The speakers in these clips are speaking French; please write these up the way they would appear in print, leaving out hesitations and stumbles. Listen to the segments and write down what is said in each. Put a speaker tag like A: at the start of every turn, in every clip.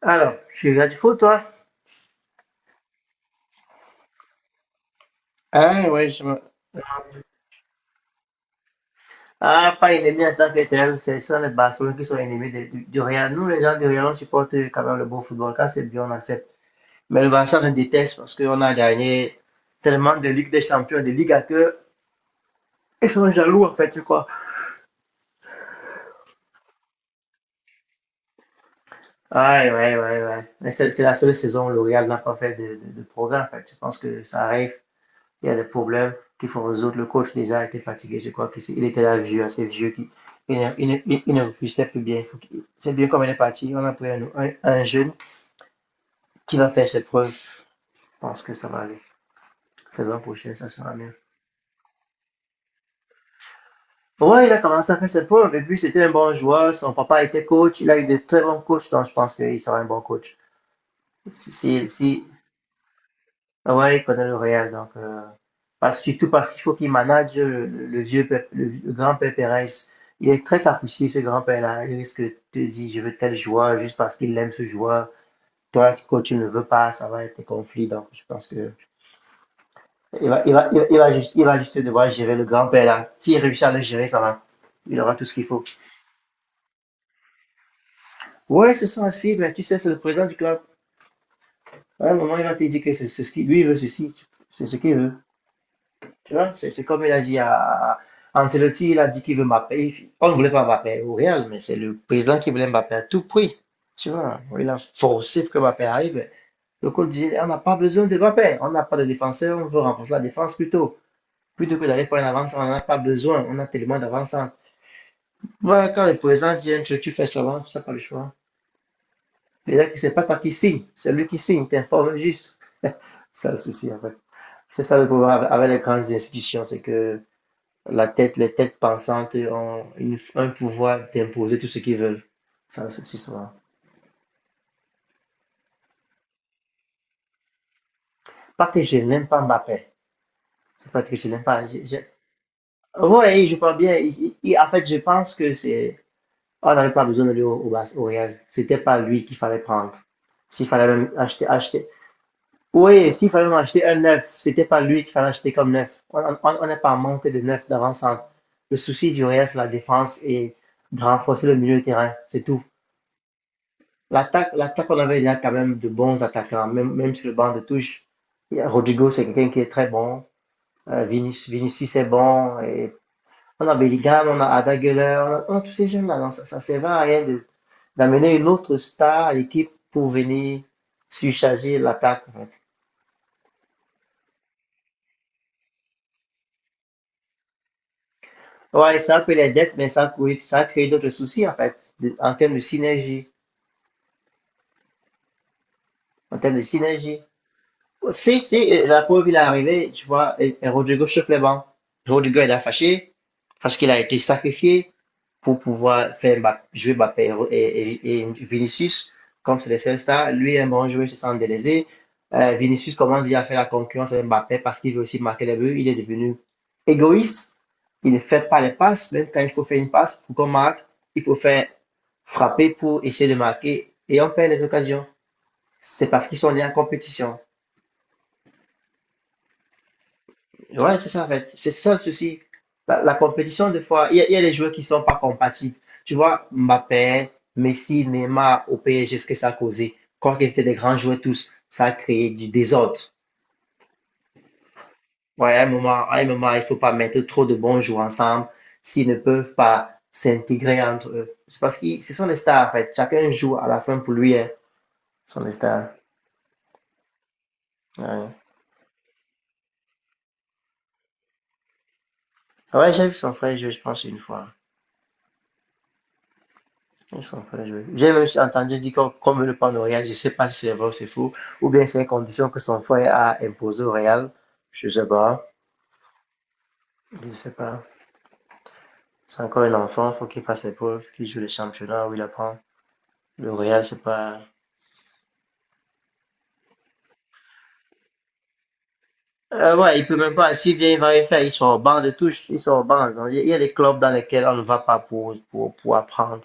A: Alors, tu regardes du foot, toi? Ah ouais, je me- Ah, pas ennemi en tant que tel, c'est ça les Barcelonais qui sont ennemis de- du Real. Nous, les gens du Real, on supporte quand même le beau football. Quand c'est bien, on accepte. Mais le Barça, on le déteste parce qu'on a gagné tellement de Ligue des Champions, de Ligue à que ils sont jaloux, en fait, tu crois. Ouais, ouais, ouais, ouais. Mais c'est la seule saison où le Real n'a pas fait de progrès, en fait. Je pense que ça arrive. Il y a des problèmes qu'il faut résoudre. Le coach déjà était fatigué, je crois qu'il était là vieux, assez vieux, qui, il, ne- il, ne- il, ne refusait plus bien. C'est bien comme elle est partie, on a pris un jeune qui va faire ses preuves. Je pense que ça va aller. C'est l'an prochain, ça sera mieux. Ouais, il a commencé à faire ses preuves et puis c'était un bon joueur. Son papa était coach, il a eu de très bons coachs, donc je pense qu'il sera un bon coach. Si, si, si, ah ouais, il connaît le Real, donc parce, surtout parce qu'il faut qu'il manage le vieux Pep- le, vieux- le grand-père Pérez. Il est très capricieux, ce grand-père-là. Il risque de te dire, je veux tel joueur juste parce qu'il aime ce joueur. Toi, quand tu ne veux pas, ça va être des conflits. Donc, je pense que il va, il va, il va, il va juste devoir gérer le grand-père-là. S'il réussit à le gérer, ça va. Il aura tout ce qu'il faut. Ouais, ce sont à suivre, mais tu sais, c'est le président du club. À un moment, il va te dire que c'est ce qu'il lui il veut ceci. C'est ce qu'il veut. Tu vois, c'est comme il a dit à Ancelotti, il a dit qu'il veut Mbappé. On ne voulait pas Mbappé au Real, mais c'est le président qui voulait Mbappé à tout prix. Tu vois, il a forcé pour que Mbappé arrive. Le coach dit, on n'a pas besoin de Mbappé, on n'a pas de défenseur, on veut renforcer la défense plutôt. Plutôt que d'aller pour une avance, on n'en a pas besoin, on a tellement d'avance. Ouais, quand le président dit un truc, tu fais seulement, ça pas le choix. Déjà que c'est pas toi qui signe, c'est lui qui signe, t'informes juste. C'est ça le souci, en fait. C'est ça le problème avec les grandes institutions, c'est que la tête, les têtes pensantes ont une- un pouvoir d'imposer tout ce qu'ils veulent. Ça, c'est aussi souvent. Pas que je n'aime pas Mbappé. C'est pas que je n'aime pas. Je- ouais, il joue bien. Il- en fait, je pense que c'est. On n'avait pas besoin de lui Bas- au Real. C'était pas lui qu'il fallait prendre. S'il fallait même acheter, acheter. Oui, s'il fallait même acheter un neuf, c'était pas lui qu'il fallait acheter comme neuf. On n'est pas en manque de neuf d'avant-centre. Le souci du Real, c'est la défense et de renforcer le milieu de terrain. C'est tout. L'attaque, l'attaque, on avait déjà quand même de bons attaquants, même, même sur le banc de touche. Rodrigo, c'est quelqu'un qui est très bon. Vinicius, Vinicius est bon. Et on a Bellingham, on a Ada Gueuleur, on a tous ces jeunes-là. Donc, ça sert à rien de- d'amener une autre star à l'équipe pour venir surcharger l'attaque, en fait. Ouais, ça a pris les dettes, mais ça a créé d'autres soucis, en fait, de- en termes de synergie. En termes de synergie. Si, si, la preuve, il est arrivé, tu vois, et Rodrigo chauffe les bancs. Rodrigo, il a fâché, parce qu'il a été sacrifié pour pouvoir faire jouer Mbappé et Vinicius, comme c'est le seul star. Lui un bon joueur, se sent délaisé. Vinicius commence déjà à faire la concurrence avec Mbappé parce qu'il veut aussi marquer les buts. Il est devenu égoïste. Il ne fait pas les passes. Même quand il faut faire une passe pour qu'on marque, il faut faire frapper pour essayer de marquer. Et on perd les occasions. C'est parce qu'ils sont liés en compétition. Ouais, c'est ça en fait. C'est ça le souci. La compétition, des fois, il y a des joueurs qui sont pas compatibles. Tu vois, Mbappé, Messi, Neymar au PSG, ce que ça a causé. Quand ils étaient des grands joueurs tous, ça a créé du désordre. Ouais, à un moment, il faut pas mettre trop de bons joueurs ensemble s'ils ne peuvent pas s'intégrer entre eux. C'est parce que ce sont des stars en fait. Chacun joue à la fin pour lui, hein. Ce sont des stars. Ouais, ouais, j'ai vu son frère jouer, je pense, une fois. Ils sont très jolis. J'ai même entendu dire qu'on- comme le pan au Real, je ne sais pas si c'est vrai ou c'est faux, ou bien c'est une condition que son frère a imposée au Real. Je ne sais pas. Je ne sais pas. C'est encore un enfant, faut qu'il fasse ses preuves, qu'il joue le championnat où il apprend. Le Real, c'est pas. Ouais, il peut même pas. S'il vient, il va rien faire. Ils sont au banc de touche. Ils sont au banc. Donc, il y a des clubs dans lesquels on ne va pas pour, pour apprendre.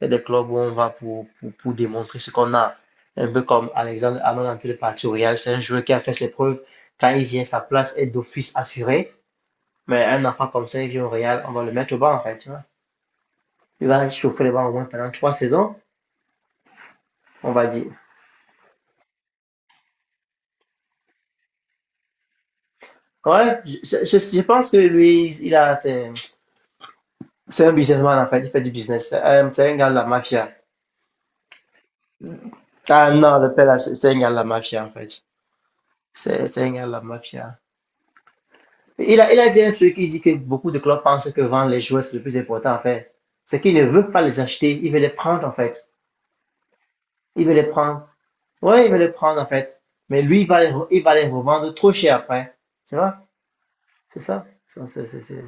A: Il y a des clubs où on va pour démontrer ce qu'on a. Un peu comme Alexandre Arnold en parti au Real. C'est un joueur qui a fait ses preuves. Quand il vient, sa place est d'office assurée. Mais un enfant comme ça, il vient au Real, on va le mettre au banc, en fait, tu vois. Il va chauffer le banc au moins pendant trois saisons, on va dire. Ouais, je pense que lui, il a, c'est un businessman, en fait. Il fait du business. C'est un gars de la mafia. Ah non, le père, là, c'est un gars de la mafia, en fait. C'est un gars de la mafia. Il a dit un truc, il dit que beaucoup de clubs pensent que vendre les joueurs, c'est le plus important, en fait. C'est qu'il ne veut pas les acheter, il veut les prendre, en fait. Il veut les prendre. Ouais, il veut les prendre, en fait. Mais lui, il va les, re- il va les revendre trop cher après. Tu vois? C'est ça? C'est-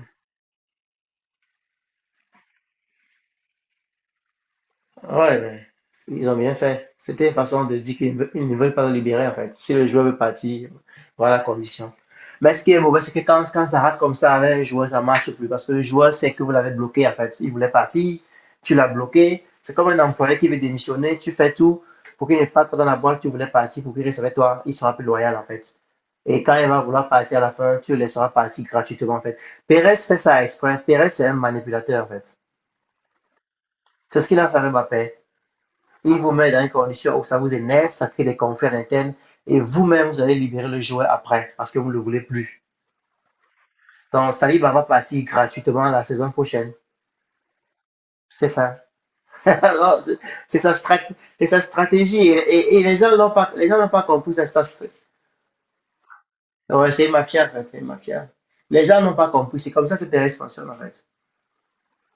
A: ouais, mais ils ont bien fait. C'était une façon de dire qu'ils ne veulent pas le libérer, en fait. Si le joueur veut partir, voilà la condition. Mais ce qui est mauvais, c'est que quand, quand ça rate comme ça avec un joueur, ça ne marche plus. Parce que le joueur sait que vous l'avez bloqué, en fait. Il voulait partir, tu l'as bloqué. C'est comme un employé qui veut démissionner, tu fais tout pour qu'il ne parte pas dans la boîte, tu voulais partir, pour qu'il reste avec toi. Il sera plus loyal, en fait. Et quand il va vouloir partir à la fin, tu le laisseras partir gratuitement, en fait. Pérez fait ça exprès. Pérez, c'est un manipulateur, en fait. C'est ce qu'il a fait avec Mbappé. Il vous met dans une condition où ça vous énerve, ça crée des conflits à l'interne et vous-même, vous allez libérer le joueur après parce que vous ne le voulez plus. Donc, Saliba va partir gratuitement la saison prochaine. C'est ça. C'est sa, strat sa, stratégie. Et les gens n'ont pas, les gens n'ont pas compris ça. Ça ouais, c'est mafia, en fait. C'est mafia. Les gens n'ont pas compris. C'est comme ça que Perez fonctionne, en fait.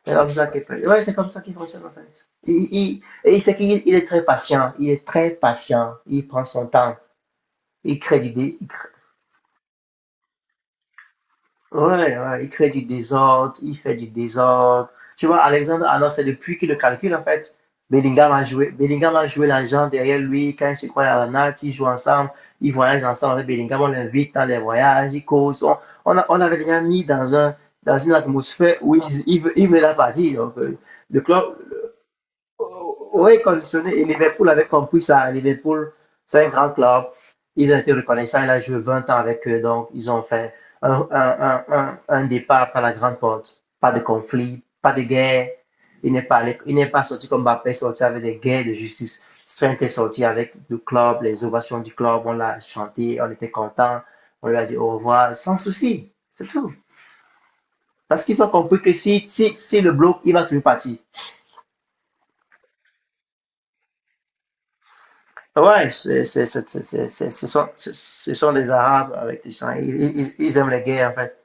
A: C'est comme ça qu'il ouais, c'est comme ça qu'il fonctionne, en fait. Et c'est qu'il est très patient. Il est très patient. Il prend son temps. Il crée l'idée. Il, ouais, ouais, il crée du désordre, il fait du désordre. Tu vois, Alexandre Arnold, c'est depuis qu'il le calcule, en fait. Bellingham a joué l'agent derrière lui quand il se croit à la natte, ils jouent ensemble, ils voyagent ensemble avec Bellingham, on l'invite dans les voyages, ils causent. On, a- on avait déjà mis dans un, dans une atmosphère où il veut la partie. Donc, le club, oui, conditionné. Et Liverpool avait compris ça. Liverpool, c'est un grand club. Ils ont été reconnaissants. Il a joué 20 ans avec eux. Donc, ils ont fait un départ par la grande porte. Pas de conflit, pas de guerre. Il n'est pas, allé- il n'est pas sorti comme Mbappé, sorti avec des guerres de justice. Strength est sorti avec le club, les ovations du club. On l'a chanté, on était content. On lui a dit au revoir, sans souci. C'est tout. Parce qu'ils ont compris que si le bloc, il va toujours partir. Ouais, c'est- ce sont, ce sont des Arabes avec des gens. Ils- ils aiment les guerres, en fait.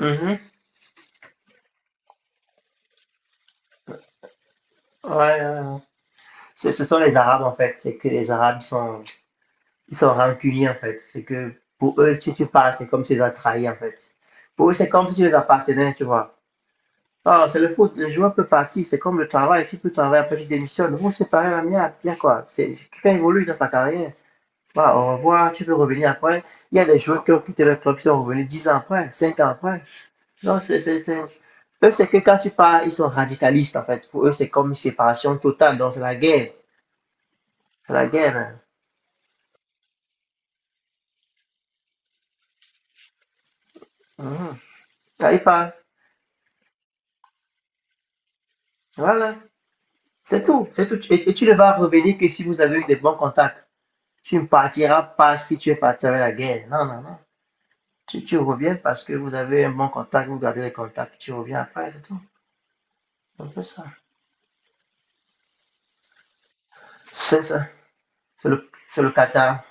A: Mhm. Ouais, ouais, ouais. Ce sont les Arabes, en fait. C'est que les Arabes, ils sont rancuniers, en fait. C'est que pour eux, si tu passes, c'est comme si tu les as trahis, en fait. Pour eux, c'est comme si tu les appartenais, tu vois. Oh, c'est le foot. Le joueur peut partir. C'est comme le travail. Tu peux travailler, après tu démissionnes. Vous séparer la mienne, bien quoi. C'est- quelqu'un évolue dans sa carrière. Voilà, on va voir, tu peux revenir après. Il y a des joueurs qui ont quitté le club, qui sont revenus 10 ans après, 5 ans après. Non, c'est... Eux, c'est que quand tu pars, ils sont radicalistes, en fait. Pour eux, c'est comme une séparation totale, donc c'est la guerre. C'est la guerre, hein. Mhm. Quand ils partent, voilà. C'est tout, c'est tout. Et tu ne vas revenir que si vous avez eu des bons contacts. Tu ne partiras pas si tu es parti avec la guerre. Non, non, non. Tu reviens parce que vous avez un bon contact, vous gardez les contacts, tu reviens après, c'est tout. C'est un peu ça. C'est ça. C'est le Qatar.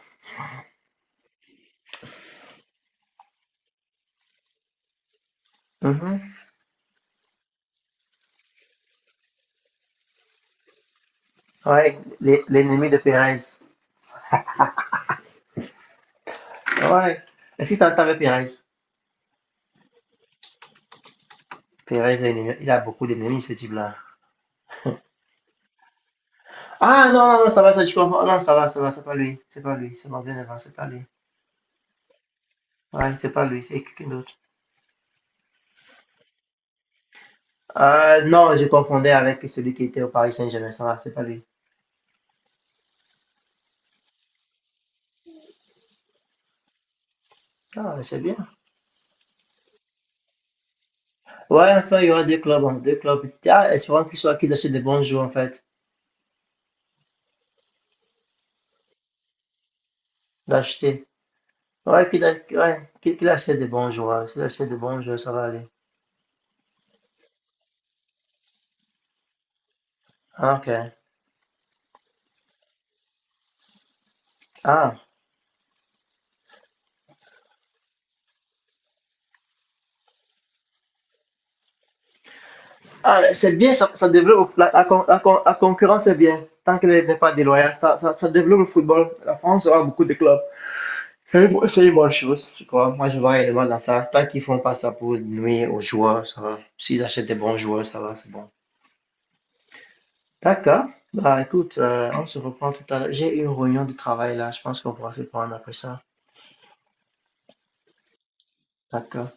A: Mhm. Ouais, l'é- l'ennemi de Perez. Ouais. Est-ce que t'entends Perez? Perez, est ennemi- il a beaucoup d'ennemis, ce type-là. Ah non, non, non, ça va, ça, je comprends. Non, ça va, c'est pas lui. C'est pas lui. C'est mon bien avant, c'est pas lui. Ouais, c'est pas lui, c'est quelqu'un d'autre. Ah non, je confondais avec celui qui était au Paris Saint-Germain, ça va, c'est pas lui. Ah, c'est bien. Ouais, enfin, il y aura deux clubs, hein, deux clubs. Ah, espérons qu'ils soient, qu'ils achètent des bons joueurs, en fait, d'acheter. Ouais, qu'ils a- ouais, qu'ils achètent des bons joueurs. S'ils achètent des bons joueurs, ça va aller. Ah, ok. Ah, ah, c'est bien, ça développe la, la con- la con- la concurrence est bien, tant qu'elle n'est pas déloyale, ça développe le football. La France aura beaucoup de clubs. C'est une, bo- c'est une bonne chose, je crois. Moi, je vois réellement dans ça. Tant qu'ils font pas ça pour nuire aux joueurs, ça va. S'ils achètent des bons joueurs, ça va, c'est bon. D'accord. Bah, écoute, on se reprend tout à l'heure. J'ai une réunion de travail là. Je pense qu'on pourra se prendre après ça. D'accord.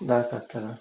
A: D'accord.